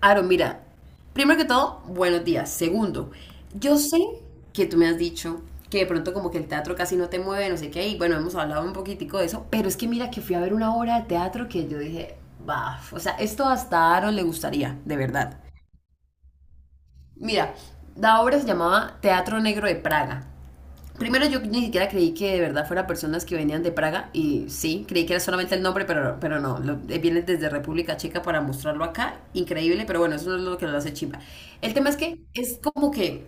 Aaron, mira, primero que todo, buenos días. Segundo, yo sé que tú me has dicho que de pronto como que el teatro casi no te mueve, no sé qué, y bueno, hemos hablado un poquitico de eso, pero es que mira que fui a ver una obra de teatro que yo dije, baf, o sea, esto hasta a Aaron le gustaría, de verdad. Mira, la obra se llamaba Teatro Negro de Praga. Primero yo ni siquiera creí que de verdad fueran personas que venían de Praga y sí, creí que era solamente el nombre, pero no, vienen desde República Checa para mostrarlo acá, increíble, pero bueno, eso no es lo que lo hace chimba. El tema es que es como que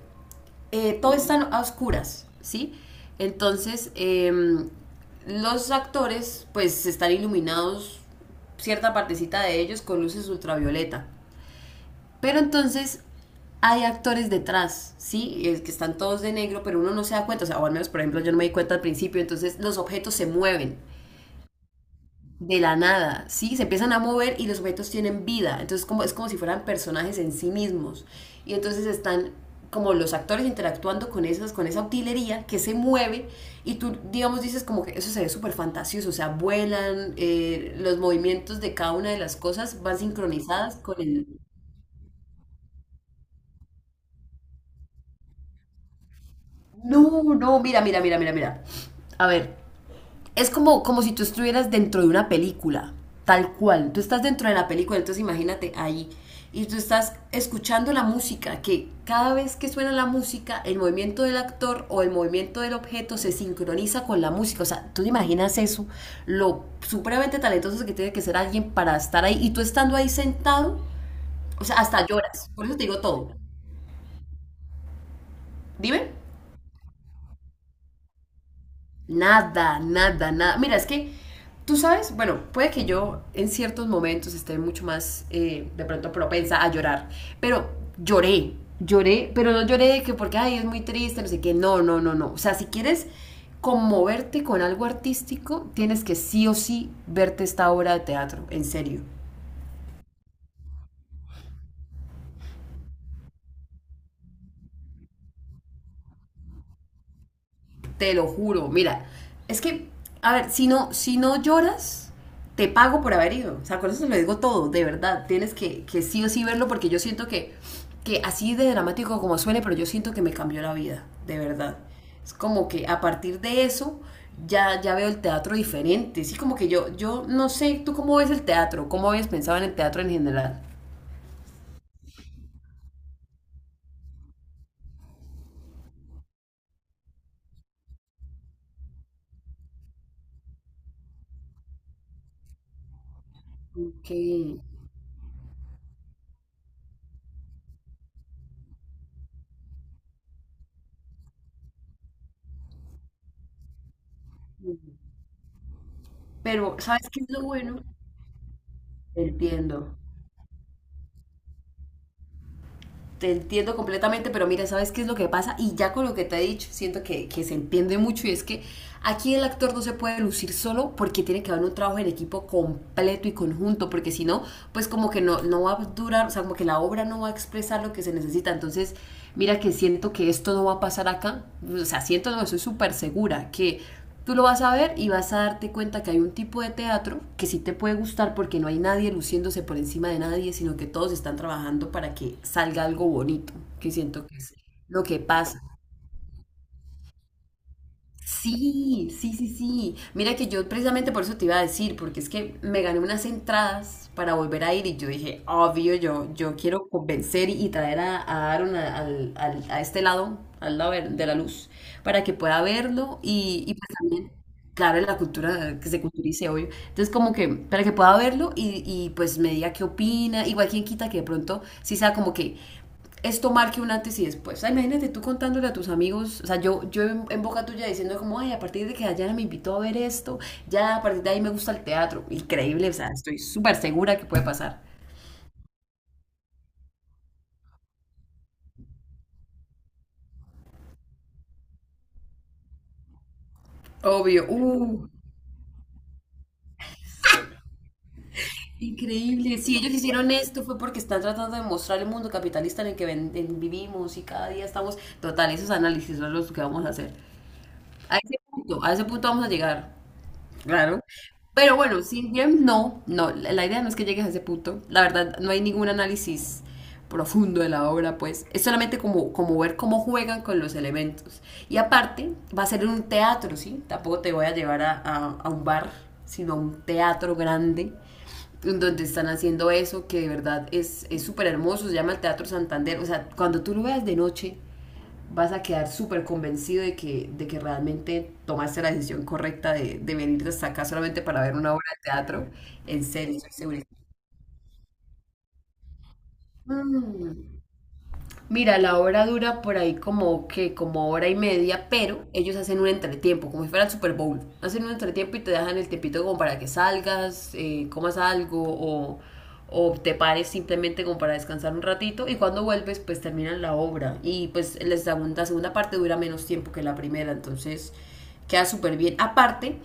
todo está a oscuras, ¿sí? Entonces, los actores pues están iluminados cierta partecita de ellos con luces ultravioleta. Pero entonces hay actores detrás, ¿sí? Es que están todos de negro, pero uno no se da cuenta. O sea, o al menos, por ejemplo, yo no me di cuenta al principio. Entonces, los objetos se mueven de la nada, ¿sí? Se empiezan a mover y los objetos tienen vida. Entonces, como, es como si fueran personajes en sí mismos. Y entonces están como los actores interactuando con esas, con esa utilería que se mueve y tú, digamos, dices como que eso se ve súper fantasioso, o sea, vuelan, los movimientos de cada una de las cosas van sincronizadas con el, no, no, mira, mira, mira, mira, mira. A ver, es como, como si tú estuvieras dentro de una película, tal cual. Tú estás dentro de la película, entonces imagínate ahí. Y tú estás escuchando la música, que cada vez que suena la música, el movimiento del actor o el movimiento del objeto se sincroniza con la música. O sea, tú te imaginas eso, lo supremamente talentoso que tiene que ser alguien para estar ahí. Y tú estando ahí sentado, o sea, hasta lloras. Por eso te digo todo. Dime. Nada, nada, nada. Mira, es que tú sabes, bueno, puede que yo en ciertos momentos esté mucho más de pronto propensa a llorar, pero lloré, lloré, pero no lloré de que porque, ay, es muy triste, no sé qué, no, no, no, no. O sea, si quieres conmoverte con algo artístico, tienes que sí o sí verte esta obra de teatro, en serio. Te lo juro. Mira, es que, a ver, si no, si no lloras, te pago por haber ido. O sea, con eso te lo digo todo, de verdad. Tienes que sí o sí verlo porque yo siento que así de dramático como suene, pero yo siento que me cambió la vida, de verdad. Es como que a partir de eso ya, ya veo el teatro diferente. Sí, como que yo no sé, ¿tú cómo ves el teatro? ¿Cómo habías pensado en el teatro en general? Ok. Pero, ¿sabes qué es lo bueno? Entiendo. Te entiendo completamente, pero mira, ¿sabes qué es lo que pasa? Y ya con lo que te he dicho, siento que se entiende mucho y es que aquí el actor no se puede lucir solo porque tiene que haber un trabajo en equipo completo y conjunto, porque si no, pues como que no, no va a durar, o sea, como que la obra no va a expresar lo que se necesita. Entonces, mira que siento que esto no va a pasar acá, o sea, siento, no, estoy súper segura que tú lo vas a ver y vas a darte cuenta que hay un tipo de teatro que sí te puede gustar porque no hay nadie luciéndose por encima de nadie, sino que todos están trabajando para que salga algo bonito, que siento que es lo que pasa. Sí, sí, sí, sí. Mira que yo precisamente por eso te iba a decir, porque es que me gané unas entradas para volver a ir y yo dije, obvio, yo quiero convencer y traer a Aaron a a este lado, al lado de la luz, para que pueda verlo y pues también, claro, la cultura, que se culturice, obvio. Entonces como que, para que pueda verlo y pues me diga qué opina, igual quien quita que de pronto sí sea como que esto marque un antes y después. O sea, imagínate tú contándole a tus amigos, o sea, yo en boca tuya diciendo como, ay, a partir de que Dayana me invitó a ver esto, ya a partir de ahí me gusta el teatro. Increíble, o sea, estoy súper segura que puede pasar. Obvio. Increíble. Si ellos hicieron esto fue porque están tratando de mostrar el mundo capitalista en el que vivimos y cada día estamos. Total, esos análisis son los que vamos a hacer. A ese punto vamos a llegar. Claro. Pero bueno, sí, bien, no, no, la idea no es que llegues a ese punto. La verdad, no hay ningún análisis profundo de la obra, pues es solamente como, como ver cómo juegan con los elementos. Y aparte, va a ser en un teatro, ¿sí? Tampoco te voy a llevar a un bar, sino a un teatro grande, en donde están haciendo eso, que de verdad es súper hermoso, se llama el Teatro Santander. O sea, cuando tú lo veas de noche, vas a quedar súper convencido de que realmente tomaste la decisión correcta de venir hasta acá solamente para ver una obra de teatro. En serio, estoy segurísima. Mm. Mira, la obra dura por ahí como que como hora y media, pero ellos hacen un entretiempo, como si fuera el Super Bowl. Hacen un entretiempo y te dejan el tiempito como para que salgas, comas algo o te pares simplemente como para descansar un ratito y cuando vuelves pues terminan la obra y pues la segunda parte dura menos tiempo que la primera, entonces queda súper bien. Aparte,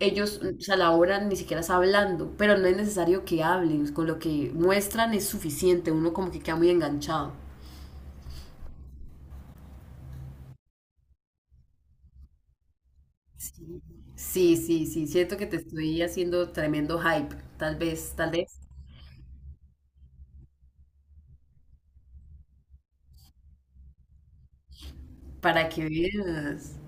ellos o sea, la obra ni siquiera está hablando, pero no es necesario que hablen, con lo que muestran es suficiente, uno como que queda muy enganchado. Sí, sí, sí, siento que te estoy haciendo tremendo hype, tal vez, para que veas.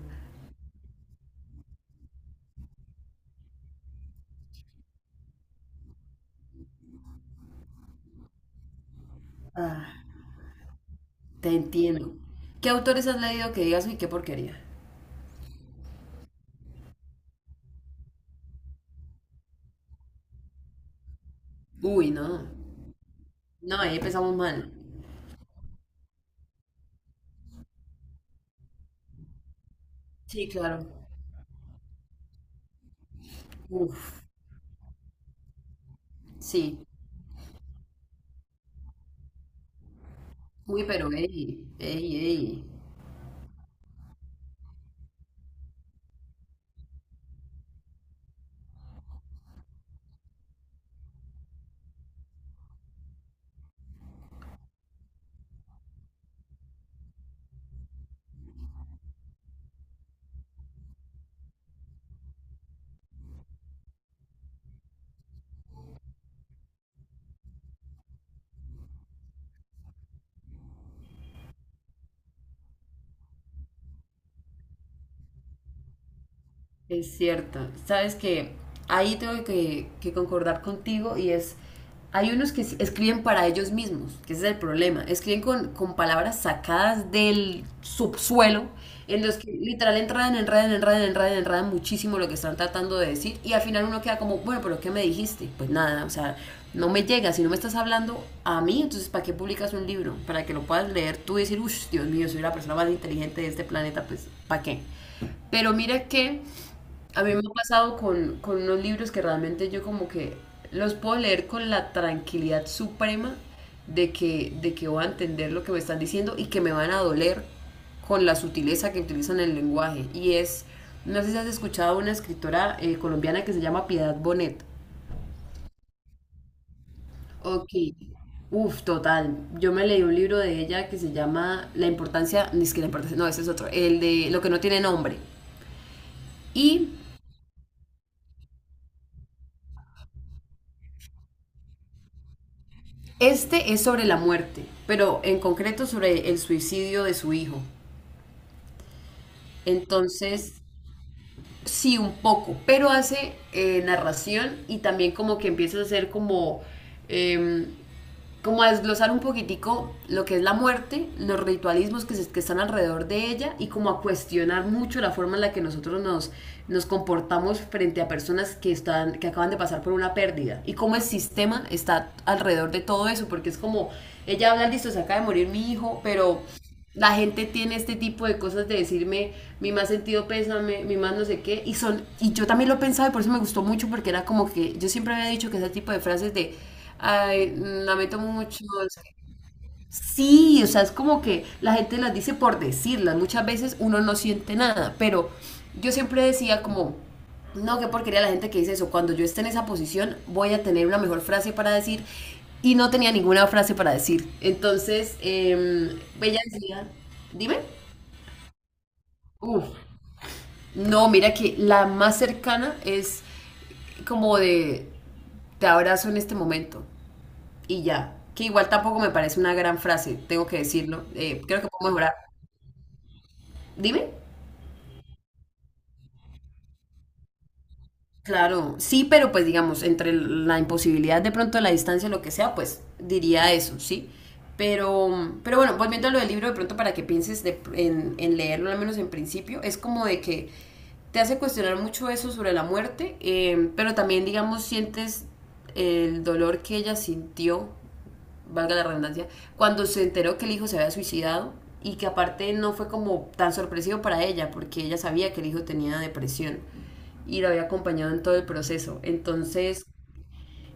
Ah, te entiendo. ¿Qué autores has leído que digas, uy, qué porquería? Uy, no. No, ahí empezamos mal. Sí, claro. Uf, sí. Uy, pero ey, ey, ey. Es cierto. Sabes que ahí tengo que concordar contigo y es, hay unos que escriben para ellos mismos, que ese es el problema. Escriben con palabras sacadas del subsuelo, en los que literal enredan, enredan, enredan, enredan, enredan muchísimo lo que están tratando de decir y al final uno queda como, bueno, pero ¿qué me dijiste? Pues nada, o sea, no me llega, si no me estás hablando a mí, entonces ¿para qué publicas un libro? Para que lo puedas leer tú y decir, uff, Dios mío, soy la persona más inteligente de este planeta, pues ¿para qué? Pero mira que a mí me ha pasado con unos libros que realmente yo como que los puedo leer con la tranquilidad suprema de que voy a entender lo que me están diciendo y que me van a doler con la sutileza que utilizan el lenguaje. Y es, no sé si has escuchado una escritora colombiana que se llama Piedad Bonet. Ok, uf, total. Yo me leí un libro de ella que se llama La importancia, ni siquiera la importancia, no, ese es otro, el de Lo que no tiene nombre. Y este es sobre la muerte, pero en concreto sobre el suicidio de su hijo. Entonces, sí, un poco, pero hace narración y también como que empieza a hacer como, em, como a desglosar un poquitico lo que es la muerte, los ritualismos que, que están alrededor de ella y como a cuestionar mucho la forma en la que nosotros nos, nos comportamos frente a personas que, están, que acaban de pasar por una pérdida y cómo el sistema está alrededor de todo eso, porque es como, ella habla, listo, se acaba de morir mi hijo, pero la gente tiene este tipo de cosas de decirme mi más sentido pésame, mi más no sé qué, y son, y yo también lo pensaba y por eso me gustó mucho, porque era como que yo siempre había dicho que ese tipo de frases de ay, lamento mucho, sí, o sea, es como que la gente las dice por decirlas. Muchas veces uno no siente nada, pero yo siempre decía como, no, qué porquería la gente que dice eso. Cuando yo esté en esa posición, voy a tener una mejor frase para decir y no tenía ninguna frase para decir. Entonces, ella decía, dime, uf, no, mira que la más cercana es como de, te abrazo en este momento y ya. Que igual tampoco me parece una gran frase, tengo que decirlo. Creo que puedo mejorar. Dime. Claro, sí, pero pues digamos, entre la imposibilidad de pronto de la distancia, lo que sea, pues diría eso, ¿sí? Pero bueno, volviendo a lo del libro, de pronto para que pienses en leerlo, al menos en principio, es como de que te hace cuestionar mucho eso sobre la muerte, pero también, digamos, sientes el dolor que ella sintió valga la redundancia, cuando se enteró que el hijo se había suicidado y que aparte no fue como tan sorpresivo para ella porque ella sabía que el hijo tenía depresión y lo había acompañado en todo el proceso. Entonces,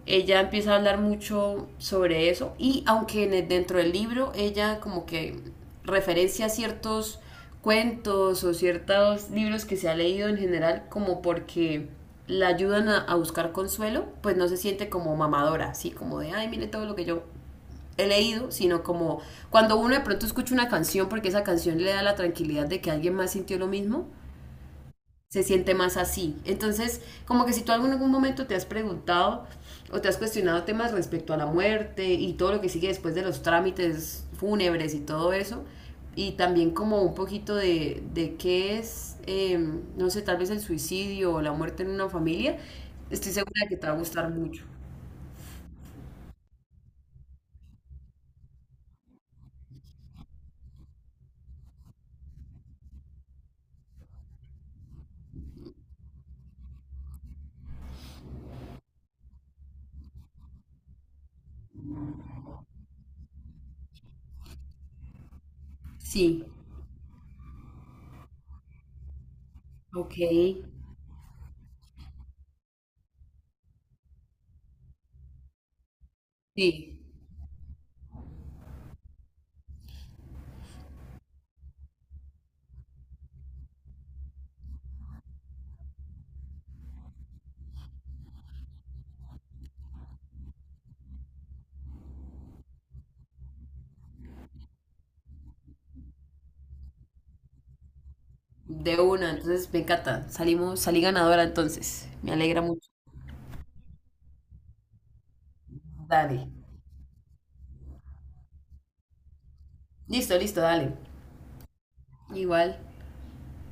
ella empieza a hablar mucho sobre eso y aunque en dentro del libro ella como que referencia ciertos cuentos o ciertos libros que se ha leído en general como porque la ayudan a buscar consuelo, pues no se siente como mamadora, así como de, ay, mire todo lo que yo he leído, sino como cuando uno de pronto escucha una canción porque esa canción le da la tranquilidad de que alguien más sintió lo mismo, se siente más así. Entonces, como que si tú en algún momento te has preguntado o te has cuestionado temas respecto a la muerte y todo lo que sigue después de los trámites fúnebres y todo eso, y también como un poquito de qué es, no sé, tal vez el suicidio o la muerte en una familia, estoy segura de que te va a gustar mucho. Sí, ok, sí. De una, entonces me encanta. Salimos, salí ganadora entonces. Me alegra mucho. Dale. Listo, listo, dale. Igual.